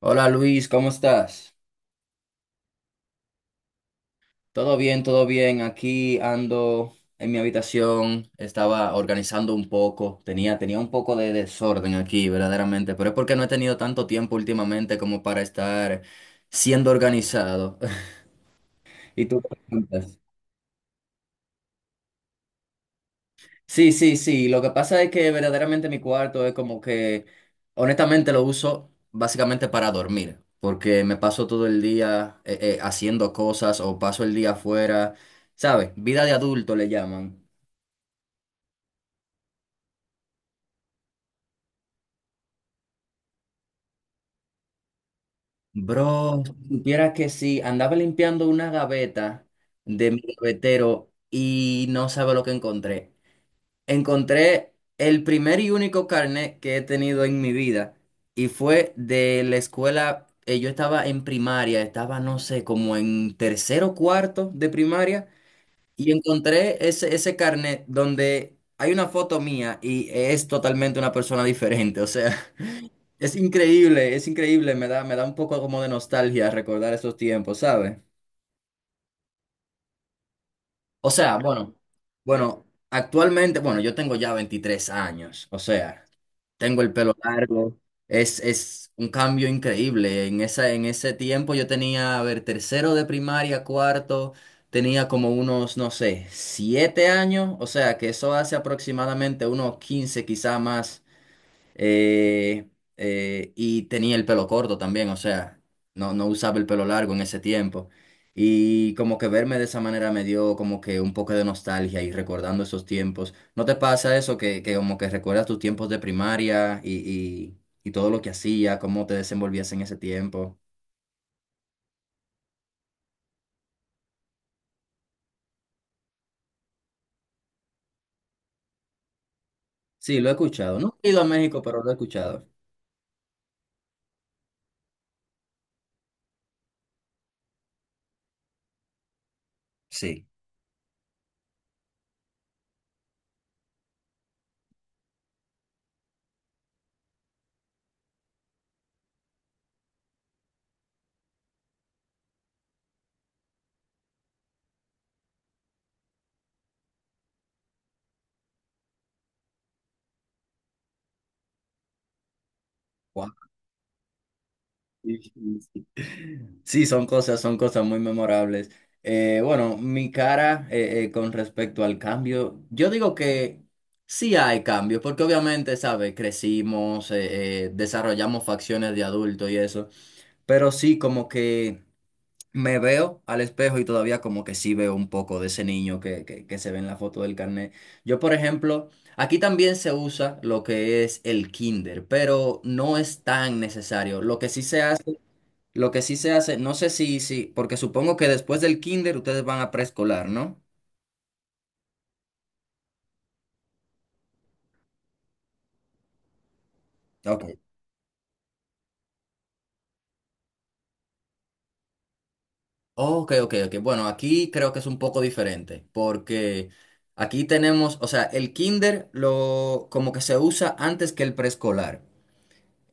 Hola Luis, ¿cómo estás? Todo bien, todo bien. Aquí ando en mi habitación, estaba organizando un poco, tenía un poco de desorden aquí, verdaderamente, pero es porque no he tenido tanto tiempo últimamente como para estar siendo organizado. ¿Y tú? Sí, sí, sí. Lo que pasa es que verdaderamente mi cuarto es como que, honestamente, lo uso básicamente para dormir, porque me paso todo el día haciendo cosas o paso el día afuera, ¿sabes? Vida de adulto le llaman. Bro, si supieras que sí, andaba limpiando una gaveta de mi gavetero y no sabe lo que encontré. Encontré el primer y único carnet que he tenido en mi vida y fue de la escuela. Yo estaba en primaria, estaba no sé, como en tercero o cuarto de primaria y encontré ese carnet donde hay una foto mía y es totalmente una persona diferente, o sea, es increíble, me da un poco como de nostalgia recordar esos tiempos, ¿sabes? O sea, bueno, bueno, actualmente, bueno, yo tengo ya 23 años, o sea. Tengo el pelo largo. Es un cambio increíble. En esa, en ese tiempo yo tenía, a ver, tercero de primaria, cuarto, tenía como unos, no sé, 7 años. O sea, que eso hace aproximadamente unos 15 quizá más. Eh, y tenía el pelo corto también, o sea, no, no usaba el pelo largo en ese tiempo. Y como que verme de esa manera me dio como que un poco de nostalgia y recordando esos tiempos. ¿No te pasa eso que como que recuerdas tus tiempos de primaria y todo lo que hacías, cómo te desenvolvías en ese tiempo? Sí, lo he escuchado. No he ido a México, pero lo he escuchado. Sí. Wow. Sí, son cosas muy memorables. Bueno, mi cara con respecto al cambio, yo digo que sí hay cambios, porque obviamente, ¿sabes? Crecimos, desarrollamos facciones de adulto y eso, pero sí como que me veo al espejo y todavía como que sí veo un poco de ese niño que se ve en la foto del carnet. Yo, por ejemplo, aquí también se usa lo que es el kinder, pero no es tan necesario. Lo que sí se hace, no sé si, porque supongo que después del kinder ustedes van a preescolar, ¿no? Ok. Ok, ok, ok. Bueno, aquí creo que es un poco diferente, porque aquí tenemos, o sea, el kinder lo como que se usa antes que el preescolar.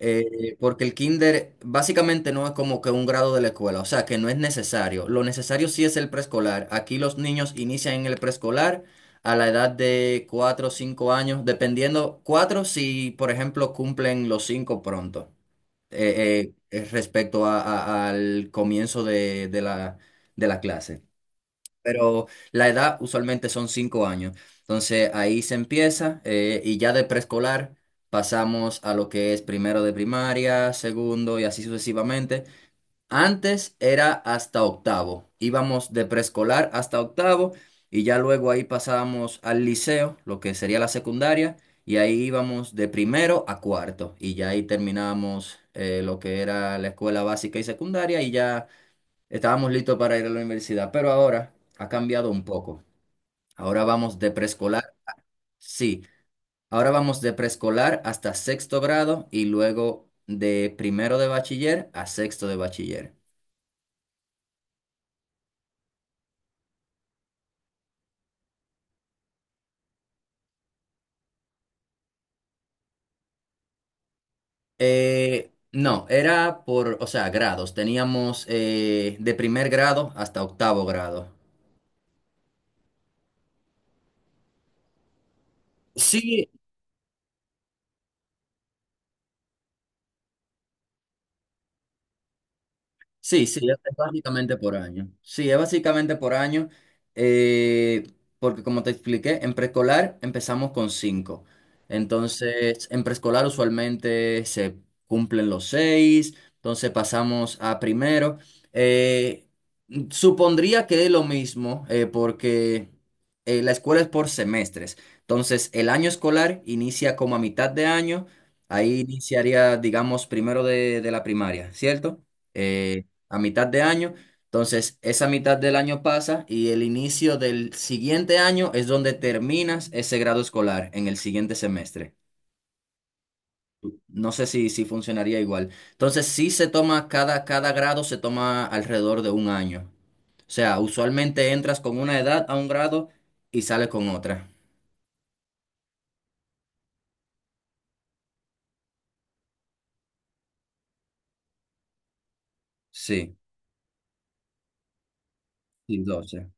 Porque el kinder básicamente no es como que un grado de la escuela, o sea que no es necesario. Lo necesario sí es el preescolar. Aquí los niños inician en el preescolar a la edad de 4 o 5 años, dependiendo, 4 si por ejemplo cumplen los 5 pronto, respecto al comienzo de la clase. Pero la edad usualmente son 5 años. Entonces ahí se empieza y ya de preescolar pasamos a lo que es primero de primaria, segundo y así sucesivamente. Antes era hasta octavo. Íbamos de preescolar hasta octavo y ya luego ahí pasábamos al liceo, lo que sería la secundaria, y ahí íbamos de primero a cuarto y ya ahí terminábamos lo que era la escuela básica y secundaria y ya... estábamos listos para ir a la universidad, pero ahora ha cambiado un poco. Ahora vamos de preescolar, sí, ahora vamos de preescolar hasta sexto grado y luego de primero de bachiller a sexto de bachiller. No, era por, o sea, grados. Teníamos de primer grado hasta octavo grado. Sí, sí, es básicamente por año. Sí, es básicamente por año, eh, porque como te expliqué, en preescolar empezamos con 5. Entonces, en preescolar usualmente se cumplen los 6, entonces pasamos a primero. Eh, supondría que es lo mismo, porque la escuela es por semestres. Entonces, el año escolar inicia como a mitad de año, ahí iniciaría, digamos, primero de la primaria, ¿cierto? Eh, a mitad de año. Entonces, esa mitad del año pasa y el inicio del siguiente año es donde terminas ese grado escolar en el siguiente semestre. No sé si funcionaría igual. Entonces, sí se toma cada grado, se toma alrededor de un año. O sea, usualmente entras con una edad a un grado y sales con otra. Sí, sí, 12.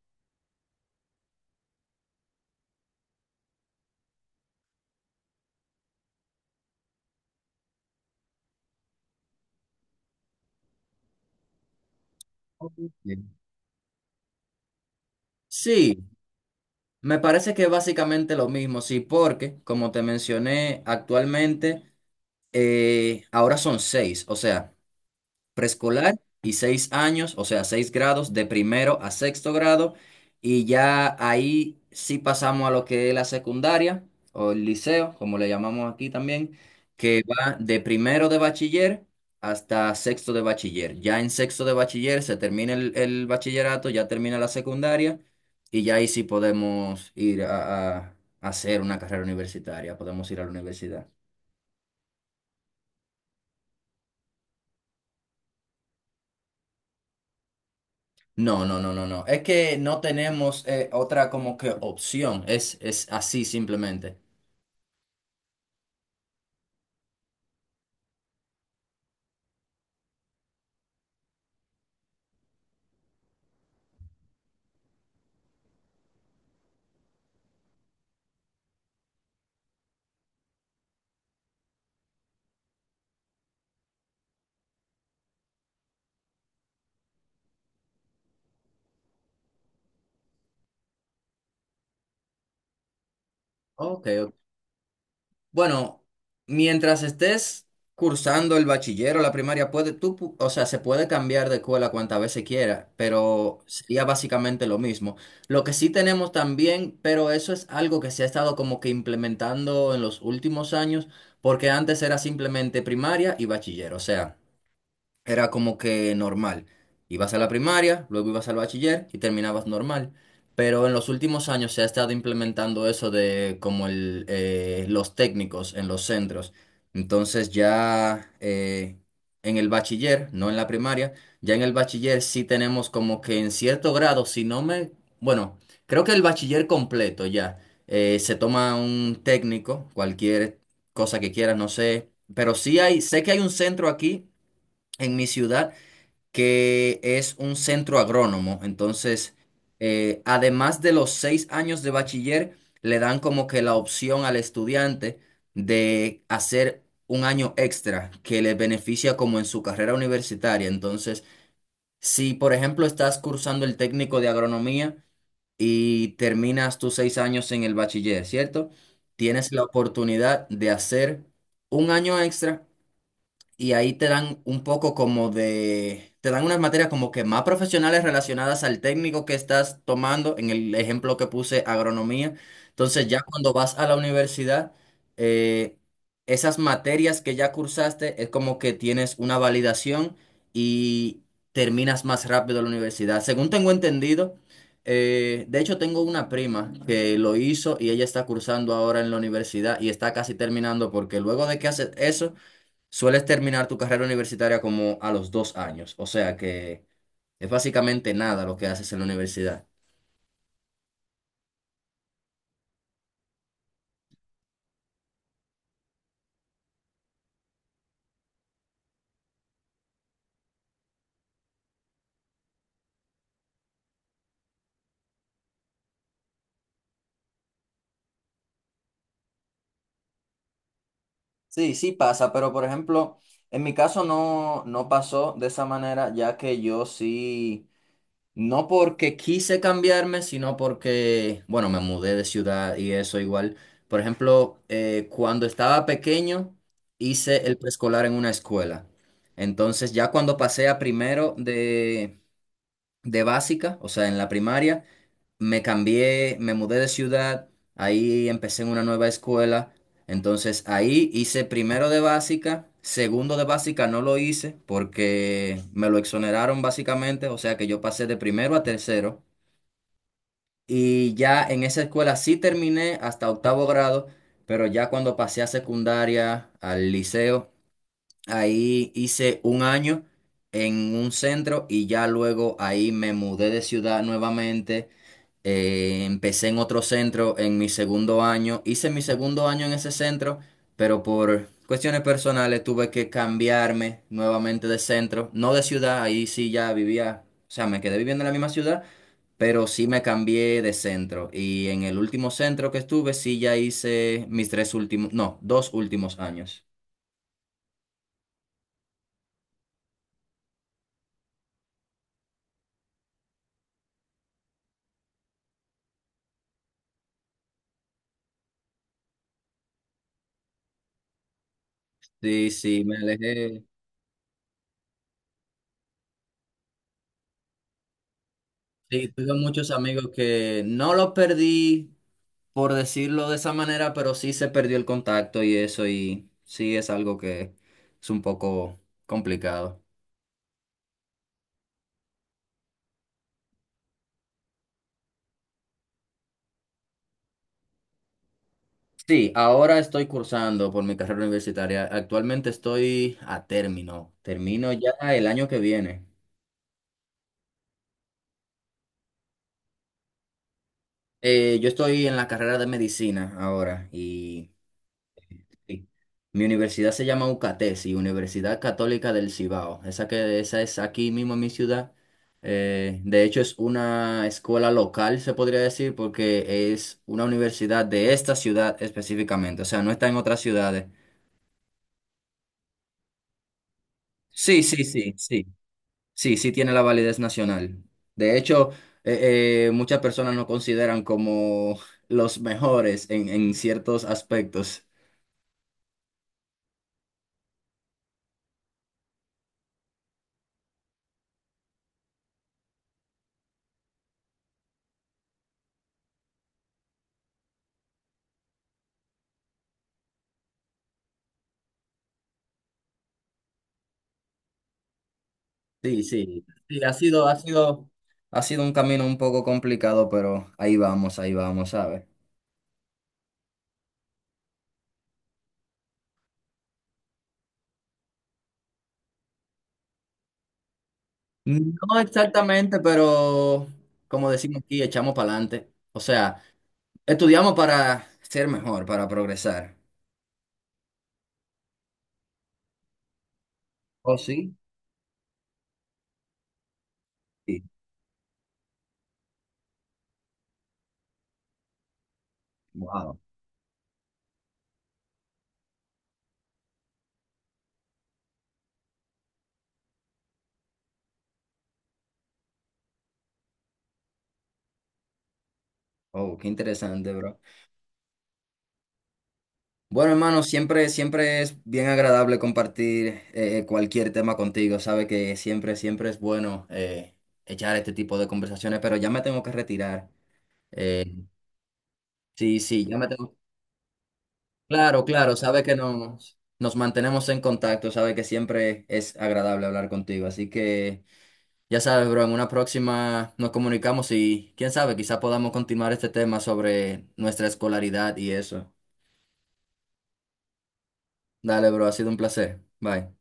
Bien. Sí, me parece que es básicamente lo mismo, sí, porque, como te mencioné, actualmente ahora son seis, o sea, preescolar y seis años, o sea, seis grados de primero a sexto grado, y ya ahí sí pasamos a lo que es la secundaria o el liceo, como le llamamos aquí también, que va de primero de bachiller hasta sexto de bachiller. Ya en sexto de bachiller se termina el bachillerato, ya termina la secundaria, y ya ahí sí podemos ir a hacer una carrera universitaria, podemos ir a la universidad. No, no, no, no, no. Es que no tenemos otra como que opción. Es así simplemente. Ok, ok. Bueno, mientras estés cursando el bachiller la primaria, o sea, se puede cambiar de escuela cuantas veces quiera, pero sería básicamente lo mismo. Lo que sí tenemos también, pero eso es algo que se ha estado como que implementando en los últimos años, porque antes era simplemente primaria y bachiller, o sea, era como que normal. Ibas a la primaria, luego ibas al bachiller y terminabas normal. Pero en los últimos años se ha estado implementando eso de como el, los técnicos en los centros. Entonces ya en el bachiller, no en la primaria, ya en el bachiller sí tenemos como que en cierto grado, si no me... bueno, creo que el bachiller completo ya. Se toma un técnico, cualquier cosa que quieras, no sé. Pero sí hay, sé que hay un centro aquí en mi ciudad, que es un centro agrónomo. Entonces, además de los 6 años de bachiller, le dan como que la opción al estudiante de hacer un año extra que le beneficia como en su carrera universitaria. Entonces, si por ejemplo estás cursando el técnico de agronomía y terminas tus 6 años en el bachiller, ¿cierto? Tienes la oportunidad de hacer un año extra y ahí te dan un poco como de, te dan unas materias como que más profesionales relacionadas al técnico que estás tomando, en el ejemplo que puse, agronomía. Entonces ya cuando vas a la universidad, eh, esas materias que ya cursaste es como que tienes una validación y terminas más rápido la universidad. Según tengo entendido, de hecho tengo una prima que lo hizo y ella está cursando ahora en la universidad y está casi terminando porque luego de que haces eso, sueles terminar tu carrera universitaria como a los 2 años, o sea que es básicamente nada lo que haces en la universidad. Sí, sí pasa, pero por ejemplo, en mi caso no, no pasó de esa manera, ya que yo sí, no porque quise cambiarme, sino porque, bueno, me mudé de ciudad y eso igual. Por ejemplo, cuando estaba pequeño, hice el preescolar en una escuela. Entonces, ya cuando pasé a primero de básica, o sea, en la primaria, me cambié, me mudé de ciudad, ahí empecé en una nueva escuela, entonces ahí hice primero de básica, segundo de básica no lo hice porque me lo exoneraron básicamente, o sea que yo pasé de primero a tercero y ya en esa escuela sí terminé hasta octavo grado, pero ya cuando pasé a secundaria, al liceo, ahí hice un año en un centro y ya luego ahí me mudé de ciudad nuevamente. Empecé en otro centro en mi segundo año. Hice mi segundo año en ese centro, pero por cuestiones personales tuve que cambiarme nuevamente de centro. No de ciudad, ahí sí ya vivía, o sea, me quedé viviendo en la misma ciudad, pero sí me cambié de centro. Y en el último centro que estuve, sí ya hice mis tres últimos, no, dos últimos años. Sí, sí, me alejé. Sí, tuve muchos amigos que no los perdí por decirlo de esa manera, pero sí se perdió el contacto y eso, y sí es algo que es un poco complicado. Sí, ahora estoy cursando por mi carrera universitaria. Actualmente estoy a término. Termino ya el año que viene. Yo estoy en la carrera de medicina ahora y sí. Mi universidad se llama UCATESI, Universidad Católica del Cibao. Esa es aquí mismo en mi ciudad. De hecho, es una escuela local, se podría decir, porque es una universidad de esta ciudad específicamente. O sea, no está en otras ciudades. Sí, sí, sí, sí. Sí, sí tiene la validez nacional. De hecho, muchas personas nos consideran como los mejores en ciertos aspectos. Sí, sí, sí, ha sido un camino un poco complicado, pero ahí vamos, ¿sabes? No exactamente, pero como decimos aquí, echamos para adelante. O sea, estudiamos para ser mejor, para progresar. ¿Oh, sí? Sí. Wow. Oh, qué interesante, bro. Bueno, hermano, siempre, siempre es bien agradable compartir cualquier tema contigo. Sabe que siempre, siempre es bueno echar este tipo de conversaciones, pero ya me tengo que retirar. Eh, Sí, sí, ya me tengo. Claro, claro, sabe que nos mantenemos en contacto, sabe que siempre es agradable hablar contigo. Así que ya sabes, bro, en una próxima nos comunicamos y quién sabe, quizá podamos continuar este tema sobre nuestra escolaridad y eso. Dale, bro, ha sido un placer. Bye.